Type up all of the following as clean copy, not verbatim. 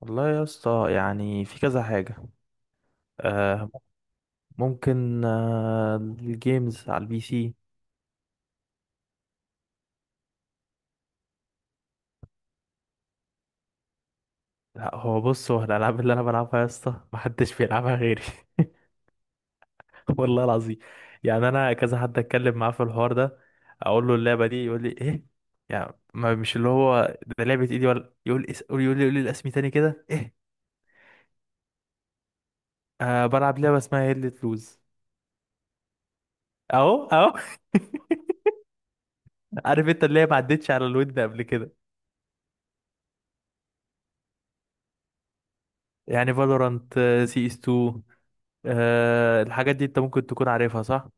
والله يا اسطى يعني في كذا حاجة. آه ممكن، الجيمز على البي سي. لا، هو الألعاب اللي أنا بلعبها يا اسطى محدش بيلعبها غيري. والله العظيم. يعني أنا كذا حد أتكلم معاه في الحوار ده، أقول له اللعبة دي يقول لي إيه؟ يعني ما مش اللي هو ده لعبة إيدي، ولا يقول يقول لي الأسمي تاني كده إيه. بلعب لعبة اسمها هيلة لوز. أهو أهو. عارف أنت، اللي هي ما عدتش على الود قبل كده. يعني فالورانت، CS2، الحاجات دي انت ممكن تكون عارفها، صح؟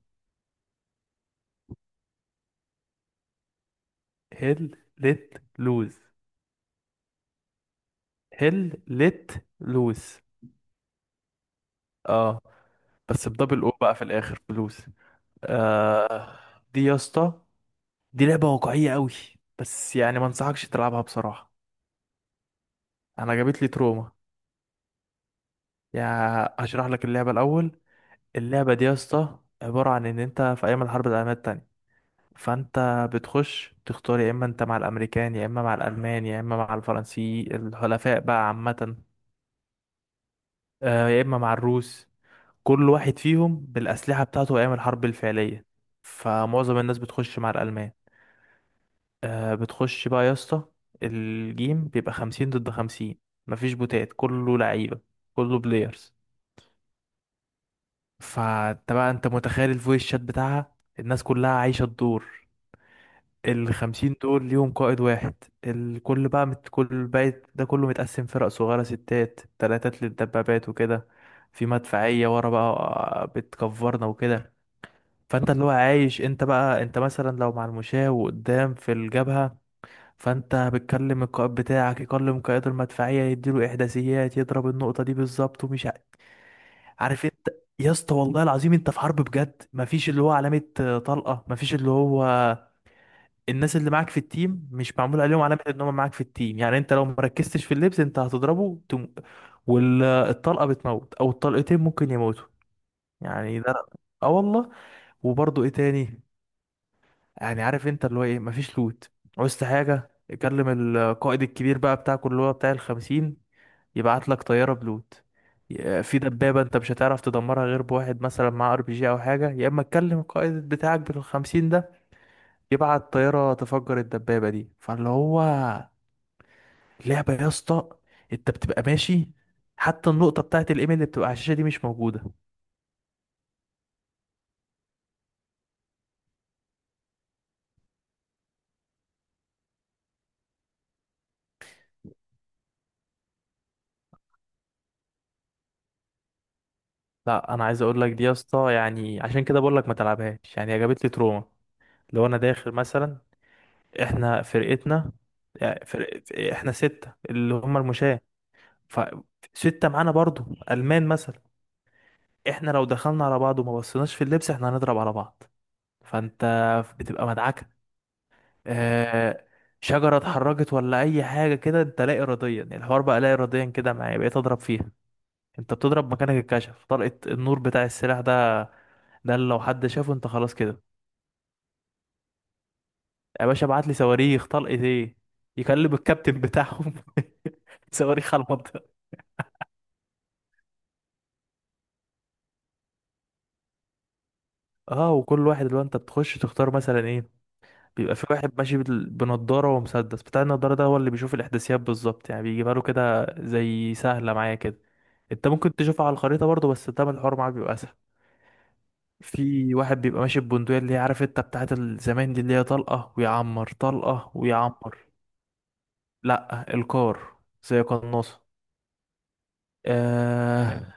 هيل ليت لوز. هيل ليت لوز، اه. بس بدبل او بقى في الاخر فلوس. آه دي يا اسطى، دي لعبة واقعية قوي، بس يعني ما انصحكش تلعبها بصراحة. انا جابت لي تروما. يعني هشرح لك اللعبة الاول. اللعبة دي يا اسطى عبارة عن ان انت في ايام الحرب العالمية التانية. فانت بتخش تختار، يا اما انت مع الامريكان، يا اما مع الالمان، يا اما مع الفرنسي، الحلفاء بقى عامة. يا اما مع الروس. كل واحد فيهم بالاسلحه بتاعته ايام الحرب الفعليه. فمعظم الناس بتخش مع الالمان. بتخش بقى يا اسطى، الجيم بيبقى خمسين ضد خمسين. مفيش بوتات، كله لعيبه، كله بلايرز. فانت بقى انت متخيل الفويس شات بتاعها، الناس كلها عايشه الدور. الخمسين دول ليهم قائد واحد. كل بقى ده كله متقسم فرق صغيرة، ستات تلاتات للدبابات وكده. في مدفعية ورا بقى، بتكفرنا وكده. فانت اللي هو عايش، انت بقى انت مثلا لو مع المشاة وقدام في الجبهة، فانت بتكلم القائد بتاعك يكلم قائد المدفعية، يديله احداثيات، يضرب النقطة دي بالظبط، عارف انت. يا اسطى والله العظيم، انت في حرب بجد، مفيش اللي هو علامة، طلقة، مفيش اللي هو الناس اللي معاك في التيم مش معمول عليهم علامة ان هم معاك في التيم، يعني انت لو مركزتش في اللبس انت هتضربه والطلقة بتموت او الطلقتين ممكن يموتوا. يعني ده، اه والله. وبرضه ايه تاني؟ يعني عارف انت اللي هو ايه، مفيش لوت. عوزت حاجة يكلم القائد الكبير بقى بتاعك اللي هو بتاع الخمسين، يبعت لك طيارة بلوت. في دبابة انت مش هتعرف تدمرها غير بواحد مثلا معاه ار بي جي او حاجة، يا اما تكلم القائد بتاعك بالخمسين ده يبعت طيارة تفجر الدبابة دي، فاللي هو لعبة يا اسطى. انت بتبقى ماشي، حتى النقطة بتاعت الايميل اللي بتبقى على الشاشة دي مش موجودة. لا، انا عايز اقول لك، دي يا اسطى يعني عشان كده بقول لك ما تلعبهاش، يعني هي جابت لي تروما. لو انا داخل مثلا، احنا فرقتنا، يعني فرق... احنا ستة اللي هم المشاة، فستة معانا برضو، ألمان مثلا. احنا لو دخلنا على بعض وما بصيناش في اللبس احنا هنضرب على بعض، فانت بتبقى مدعكة. اه... شجرة اتحركت ولا أي حاجة كده، انت لا إراديا، الحوار بقى لا إراديا كده، معايا بقيت أضرب فيها. انت بتضرب مكانك، الكشف، طلقة النور بتاع السلاح ده، ده اللي لو حد شافه انت خلاص كده. يا باشا ابعت لي صواريخ، طلقة ايه. يكلم الكابتن بتاعهم، صواريخ على المنطقة. اه، وكل واحد اللي هو انت بتخش تختار مثلا ايه، بيبقى في واحد ماشي بنضاره ومسدس، بتاع النضاره ده هو اللي بيشوف الاحداثيات بالظبط، يعني بيجيبها له كده زي سهله معايا كده. انت ممكن تشوفها على الخريطه برضه، بس ده الحوار معاك بيبقى اسهل. في واحد بيبقى ماشي ببندقيه، اللي هي عارف انت بتاعت الزمان دي، اللي هي طلقه ويعمر طلقه ويعمر. لا الكار زي قناصه. آه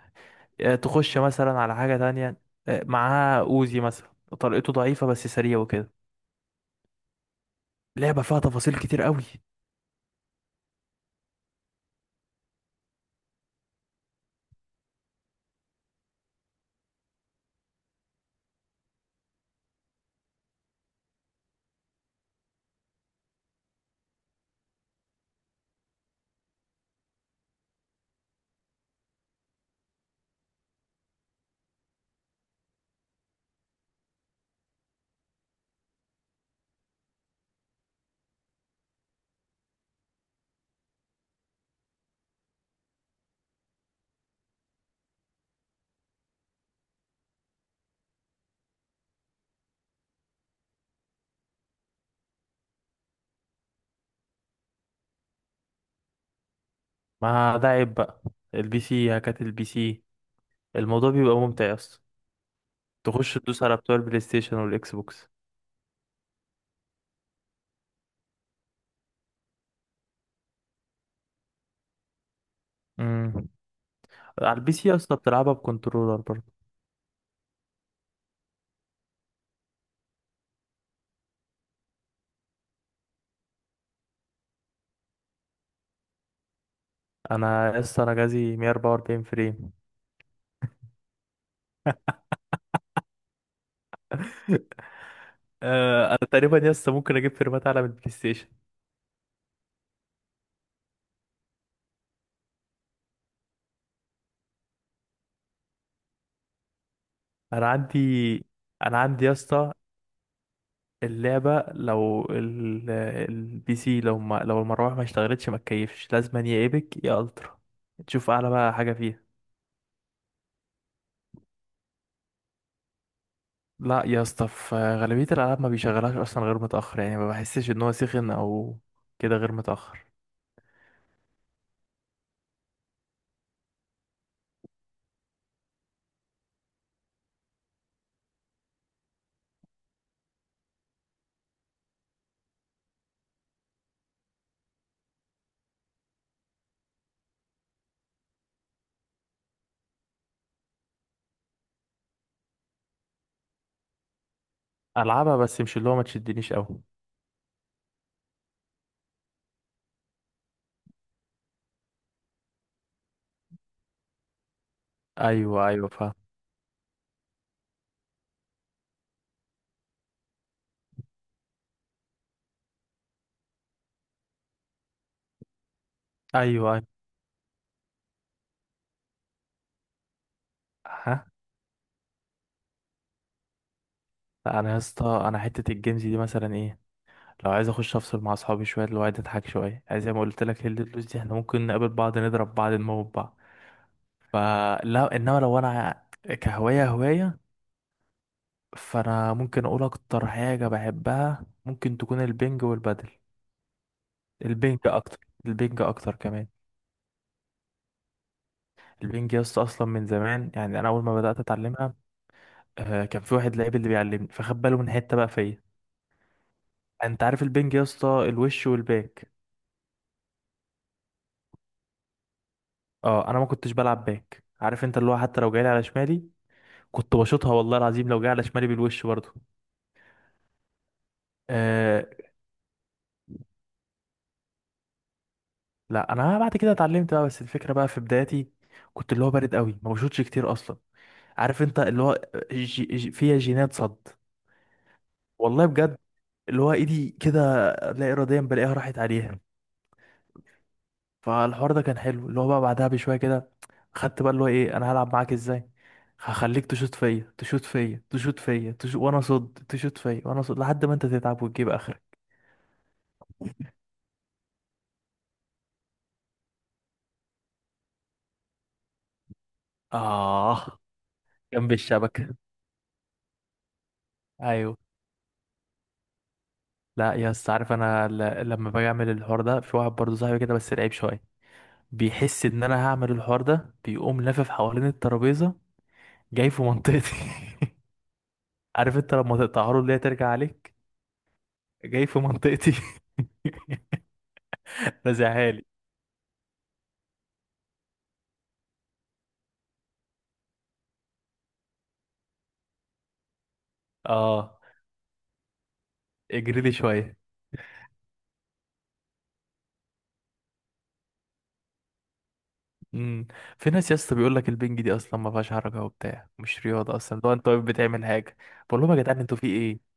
تخش مثلا على حاجه تانية، معاه اوزي مثلا، طلقته ضعيفه بس سريع وكده. لعبه فيها تفاصيل كتير قوي. ما ده عيب بقى. البي سي هكات البي سي، الموضوع بيبقى ممتع يا اسطى، تخش تدوس على بتوع البلاي ستيشن والاكس بوكس. امم على البي سي يا اسطى بتلعبها بكنترولر برضه. انا يا اسطى جهازي 144 فريم. انا تقريبا يا اسطى ممكن اجيب فريمات اعلى من البلاي ستيشن. انا عندي انا عندي يا اسطى، اللعبه لو البي سي لو ما... لو المروحه ما اشتغلتش ما تكيفش، لازم يا ايبك يا الترا، تشوف اعلى بقى حاجه فيها. لا يا اسطى في غالبية الألعاب ما بيشغلهاش أصلا غير متأخر، يعني ما بحسش إن هو سخن أو كده غير متأخر. ألعبها بس مش اللي هو ما تشدنيش أوي. أيوه أيوه فاهم. أيوه أيوه. ها. لا أنا يا اسطى، أنا حتة الجيمز دي مثلا إيه، لو عايز أخش أفصل مع أصحابي شوية اللي هو عايز أضحك شوية، عايز زي ما قلت لك، هي الفلوس دي إحنا ممكن نقابل بعض نضرب بعض نموت بعض. فلا، إنما لو أنا كهواية، هواية، فأنا ممكن أقول أكتر حاجة بحبها ممكن تكون البنج والبادل. البنج اكتر. البنج اكتر كمان. البنج يا اسطى اصلا من زمان، يعني انا اول ما بدات اتعلمها، كان في واحد لعيب اللي بيعلمني فخد باله من حته بقى فيا. انت عارف البنج يا اسطى، الوش والباك. اه انا ما كنتش بلعب باك، عارف انت اللي هو حتى لو جاي على شمالي كنت بشوطها، والله العظيم لو جاي على شمالي بالوش برضه. آه. لا انا بعد كده اتعلمت بقى، بس الفكره بقى في بدايتي كنت اللي هو بارد قوي ما بشوطش كتير اصلا. عارف انت اللي هو جي جي فيها جينات صد. والله بجد. اللي هو ايدي كده، لا اراديا بلاقيها راحت عليها. فالحوار ده كان حلو، اللي هو بقى بعدها بشويه كده، خدت بقى اللي هو ايه، انا هلعب معاك ازاي، هخليك تشوط فيا تشوط فيا تشوط فيا تشوط وانا صد تشوط فيا وانا صد لحد ما انت تتعب وتجيب اخرك. اه، جنب الشبكه. ايوه. لا يا اسطى، عارف انا لما باجي اعمل الحوار ده في واحد برضه صاحبي كده بس لعيب شويه، بيحس ان انا هعمل الحوار ده بيقوم لافف حوالين الترابيزه، جاي في منطقتي. عارف انت لما تقطعها له اللي هي ترجع عليك، جاي في منطقتي. رازعها لي. اه، اجري لي شويه. امم. في ناس يا اسطى بيقول لك البنج دي اصلا ما فيهاش حركه وبتاع، مش رياضه اصلا، اللي هو انت واقف بتعمل حاجه. بقول لهم يا جدعان انتوا في ايه.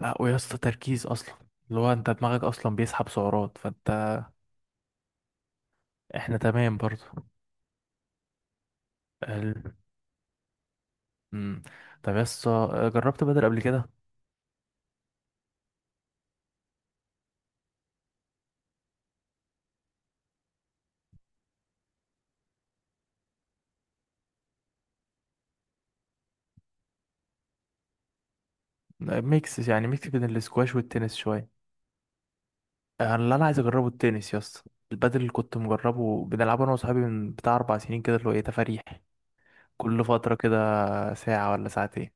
لا ويا اسطى تركيز اصلا، اللي هو انت دماغك اصلا بيسحب سعرات، فانت احنا تمام برضو. ال... امم. طب يا اسطى، جربت بدل قبل كده؟ ميكس يعني بين الاسكواش والتنس شويه. اللي انا عايز اجربه التنس يا اسطى، البدل اللي كنت مجربه بنلعبه انا وصحابي من بتاع 4 سنين كده، اللي هو ايه تفاريح، كل فترة كده ساعة ولا ساعتين.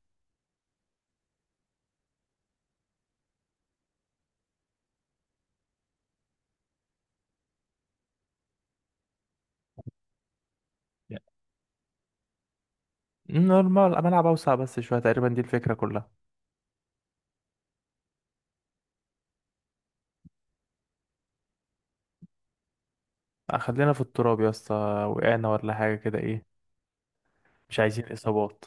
نورمال، ملعب أوسع بس شوية، تقريبا دي الفكرة كلها. خلينا في التراب يا اسطى، وقعنا ولا حاجة كده ايه، مش عايزين إصابات.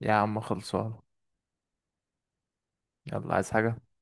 يا عم خلصان. يلا، عايز حاجة؟